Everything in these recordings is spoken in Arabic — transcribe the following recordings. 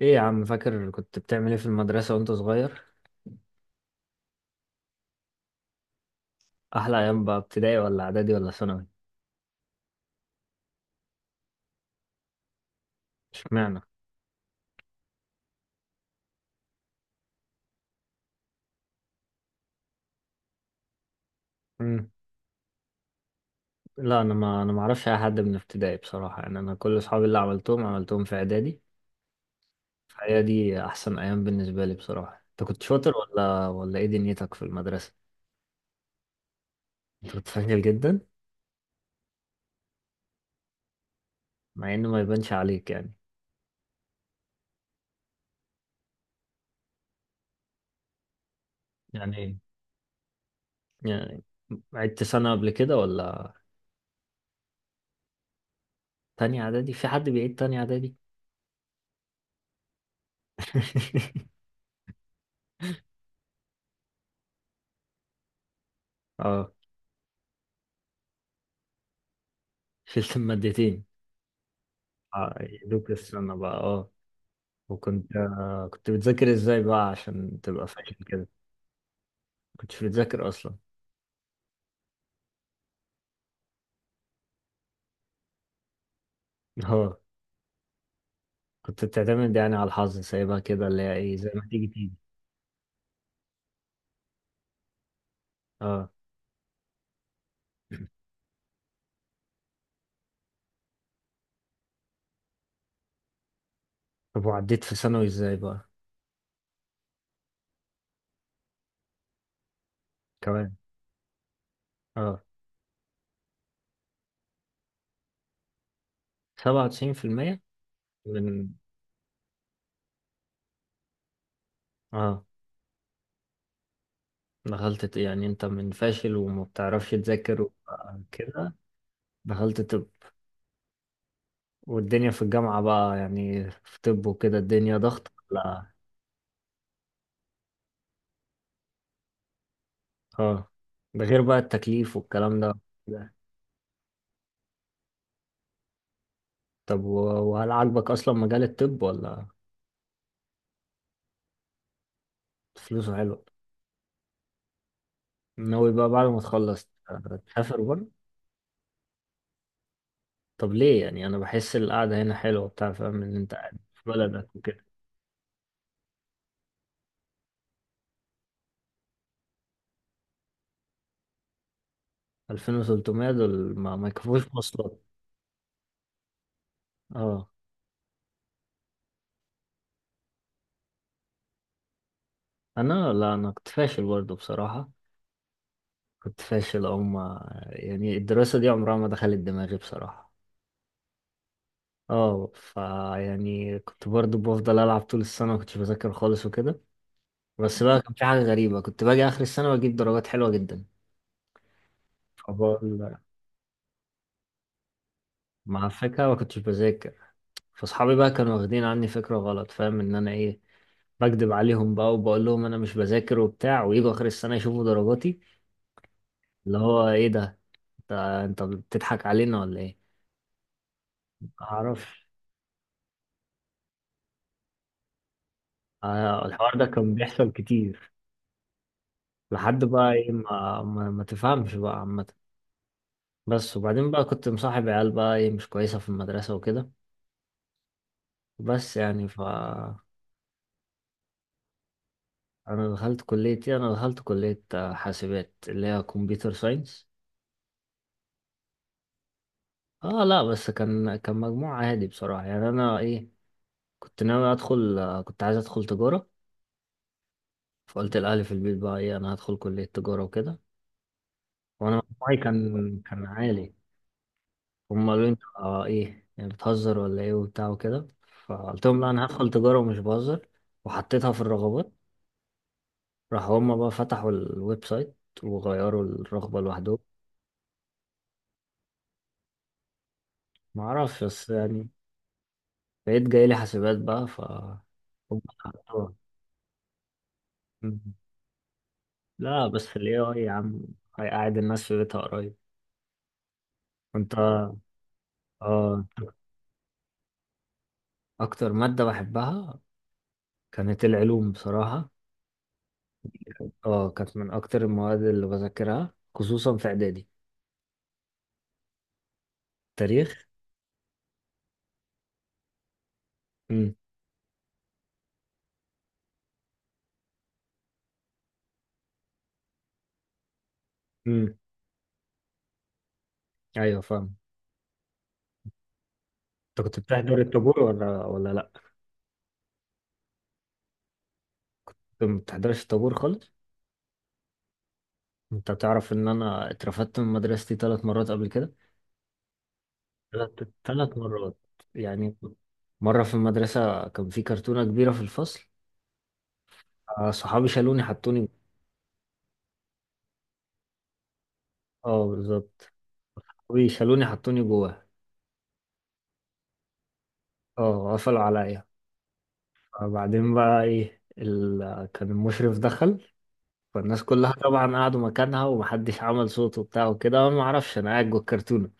ايه يا عم، فاكر كنت بتعمل ايه في المدرسة وانت صغير؟ أحلى أيام بقى ابتدائي ولا إعدادي ولا ثانوي؟ اشمعنى؟ مم. لا أنا ما أعرفش أي حد من ابتدائي بصراحة، يعني أنا كل أصحابي اللي عملتهم في إعدادي، فهي دي أحسن أيام بالنسبة لي بصراحة. أنت كنت شاطر ولا إيه دنيتك في المدرسة؟ أنت كنت فاشل جدا؟ مع إنه ما يبانش عليك يعني. يعني ايه؟ يعني عدت سنة قبل كده ولا؟ تانية إعدادي؟ في حد بيعيد تانية إعدادي؟ اه، شلت المادتين. اه، يدوك السنة بقى. اه، وكنت كنت بتذاكر ازاي بقى عشان تبقى فاهم كده؟ كنتش بتذاكر اصلا؟ اه، كنت بتعتمد يعني على الحظ، سايبها كده اللي هي ايه، زي ما تيجي تيجي. اه. طب وعديت في ثانوي ازاي بقى؟ كمان؟ اه، سبعة وتسعين في المية. من. اه يعني انت من فاشل وما بتعرفش تذاكر كده؟ دخلت طب؟ والدنيا في الجامعة بقى يعني في طب وكده، الدنيا ضغط لا؟ اه. ده غير بقى التكليف والكلام ده. طب و- وهل عاجبك اصلا مجال الطب ولا؟ فلوسه حلوه؟ ناوي بقى بعد ما تخلص تسافر بره؟ طب ليه؟ يعني انا بحس القعده هنا حلوه بتاع، فاهم؟ ان انت قاعد في بلدك وكده. 2300؟ دول ما يكفوش مواصلات. اه. انا لا، انا كنت فاشل برضه بصراحه. كنت فاشل، او ما يعني الدراسه دي عمرها ما دخلت دماغي بصراحه. اه، فيعني كنت برضه بفضل العب طول السنه، ما كنتش بذاكر خالص وكده. بس بقى كان في حاجه غريبه، كنت باجي اخر السنه واجيب درجات حلوه جدا. بقول لك، مع الفكرة ما كنتش بذاكر، فاصحابي بقى كانوا واخدين عني فكرة غلط، فاهم؟ ان انا ايه، بكدب عليهم بقى وبقول لهم انا مش بذاكر وبتاع، ويجوا اخر السنة يشوفوا درجاتي اللي هو ايه ده، انت انت بتضحك علينا ولا ايه؟ ما اعرفش. الحوار ده كان بيحصل كتير. لحد بقى ايه، ما تفهمش بقى عامة. بس وبعدين بقى كنت مصاحب عيال بقى ايه مش كويسة في المدرسة وكده. بس يعني ف. انا دخلت كلية ايه؟ انا دخلت كلية حاسبات، اللي هي كمبيوتر ساينس. اه، لا بس كان مجموع عادي بصراحة، يعني انا ايه، كنت ناوي ادخل كنت عايز ادخل تجارة. فقلت لأهلي في البيت بقى ايه، انا هدخل كلية تجارة وكده، وانا مجموعي كان عالي. هم قالوا لي انت آه ايه، يعني بتهزر ولا ايه وبتاع وكده؟ فقلت لهم لا، انا هدخل تجارة ومش بهزر، وحطيتها في الرغبات. راحوا هم بقى فتحوا الويب سايت وغيروا الرغبة لوحدهم. معرفش، بس يعني بقيت جاي لي حاسبات بقى ف. هم حطوها. لا بس ال AI يا عم هيقعد الناس في بيتها قريب. كنت. اه، اكتر مادة بحبها كانت العلوم بصراحة. اه، كانت من اكتر المواد اللي بذاكرها، خصوصا في اعدادي. تاريخ. امم. امم. ايوه، فاهم. انت كنت بتحضر الطابور ولا لا؟ انت ما بتحضرش الطابور خالص؟ انت تعرف ان انا اترفدت من مدرستي ثلاث مرات قبل كده؟ ثلاث ثلاث مرات، يعني مرة في المدرسة كان في كرتونة كبيرة في الفصل. صحابي شالوني حطوني. اه بالظبط. ويخلوني حطوني جواه. اه، قفلوا عليا. فبعدين بقى ايه ال... كان المشرف دخل، فالناس كلها طبعا قعدوا مكانها ومحدش عمل صوت وبتاع وكده، انا ما اعرفش، انا قاعد جوه الكرتونه.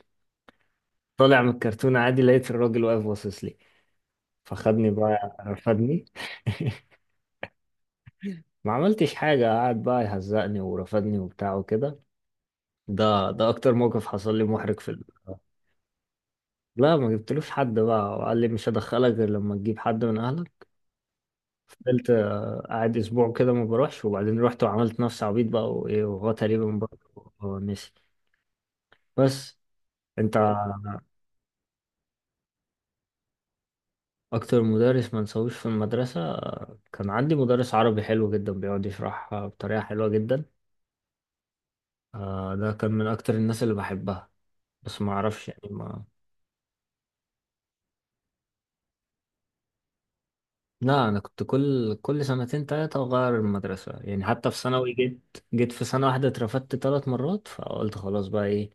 طالع من الكرتونه عادي، لقيت الراجل واقف باصص لي، فخدني بقى رفدني. ما عملتش حاجه، قعد بقى يهزقني ورفدني وبتاع وكده. ده اكتر موقف حصل لي محرج في ال... لا، ما جبتلوش حد بقى، وقال لي مش هدخلك غير لما تجيب حد من اهلك. فضلت قاعد اسبوع كده ما بروحش، وبعدين رحت وعملت نفسي عبيط بقى وايه، وهو تقريبا برضه هو نسي. بس انت اكتر مدرس ما نسويش في المدرسة كان عندي مدرس عربي حلو جدا، بيقعد يشرح بطريقة حلوة جدا. ده كان من اكتر الناس اللي بحبها. بس ما اعرفش يعني ما. لا، انا كنت كل سنتين تلاتة اغير المدرسة، يعني حتى في ثانوي جيت في سنة واحدة اترفدت ثلاث مرات، فقلت خلاص بقى ايه.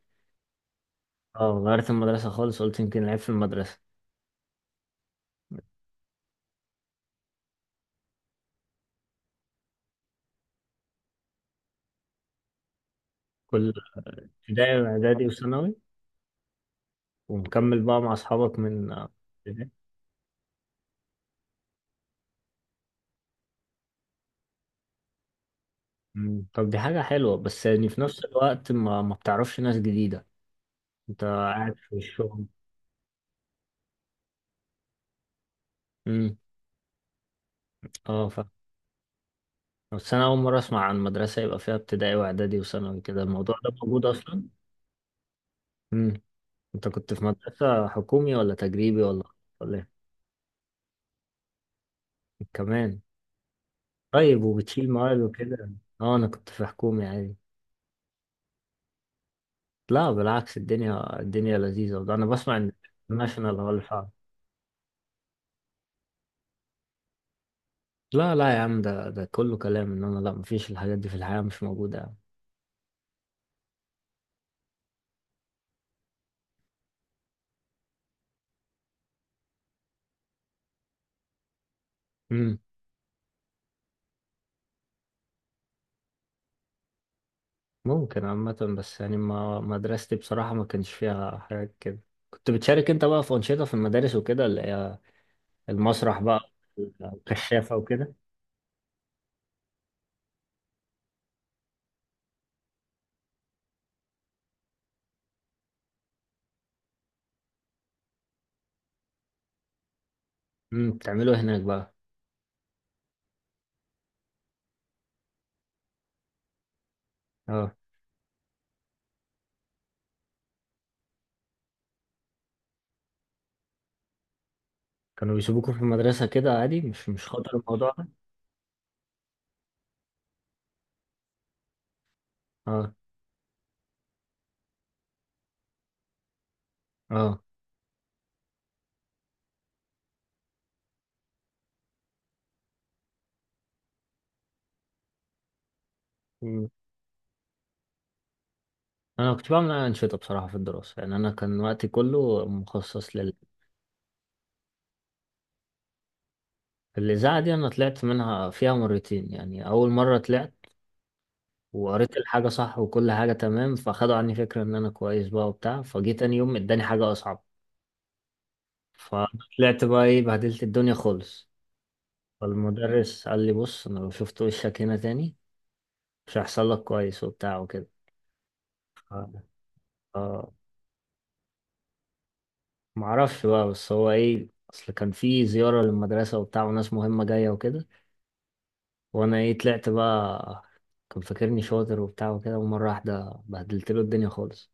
اه، غيرت المدرسة خالص، قلت يمكن العيب في المدرسة. كل ابتدائي واعدادي وثانوي، ومكمل بقى مع اصحابك من ابتدائي. مم. طب دي حاجة حلوة، بس يعني في نفس الوقت ما بتعرفش ناس جديدة. انت قاعد في الشغل. امم. اه فاهم. بس انا اول مرة اسمع عن مدرسة يبقى فيها ابتدائي واعدادي وثانوي كده، الموضوع ده موجود اصلا؟ امم. انت كنت في مدرسة حكومي ولا تجريبي ولا ولا إيه؟ كمان؟ طيب وبتشيل مواد وكده؟ اه، انا كنت في حكومي عادي. لا بالعكس، الدنيا الدنيا لذيذة، وده انا بسمع ان الناشونال هو اللي فعلا. لا لا يا عم، ده ده كله كلام، ان انا لا مفيش الحاجات دي في الحياة، مش موجودة يعني. امم. ممكن عامة، بس يعني ما مدرستي بصراحة ما كانش فيها حاجات كده. كنت بتشارك انت بقى في أنشطة في المدارس وكده اللي هي المسرح بقى، الكشافة وكده؟ امم. بتعملوا إيه هناك بقى؟ اه. كانوا بيسيبوكم في المدرسة كده عادي، مش مش خاطر الموضوع ده؟ اه. اه. مم. انا كنت بعمل أنشطة بصراحة في الدراسة، يعني انا كان وقتي كله مخصص لل. الإذاعة دي أنا طلعت منها فيها مرتين، يعني أول مرة طلعت وقريت الحاجة صح وكل حاجة تمام، فخدوا عني فكرة إن أنا كويس بقى وبتاع، فجيت تاني يوم إداني حاجة أصعب، فطلعت بقى إيه بهدلت الدنيا خالص. فالمدرس قال لي بص، أنا لو شفت وشك هنا تاني مش هيحصل لك كويس وبتاع وكده. ف- ف- معرفش بقى، بس هو إيه، أصل كان في زيارة للمدرسة وبتاع وناس مهمة جاية وكده، وأنا إيه طلعت بقى كان فاكرني شاطر وبتاع وكده، ومرة واحدة بهدلت له الدنيا خالص،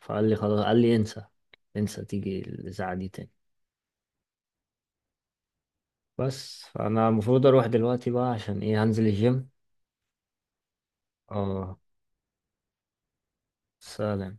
فقال لي خلاص، قال لي انسى انسى تيجي الإذاعة دي تاني. بس انا المفروض اروح دلوقتي بقى عشان ايه هنزل الجيم. اه، سلام.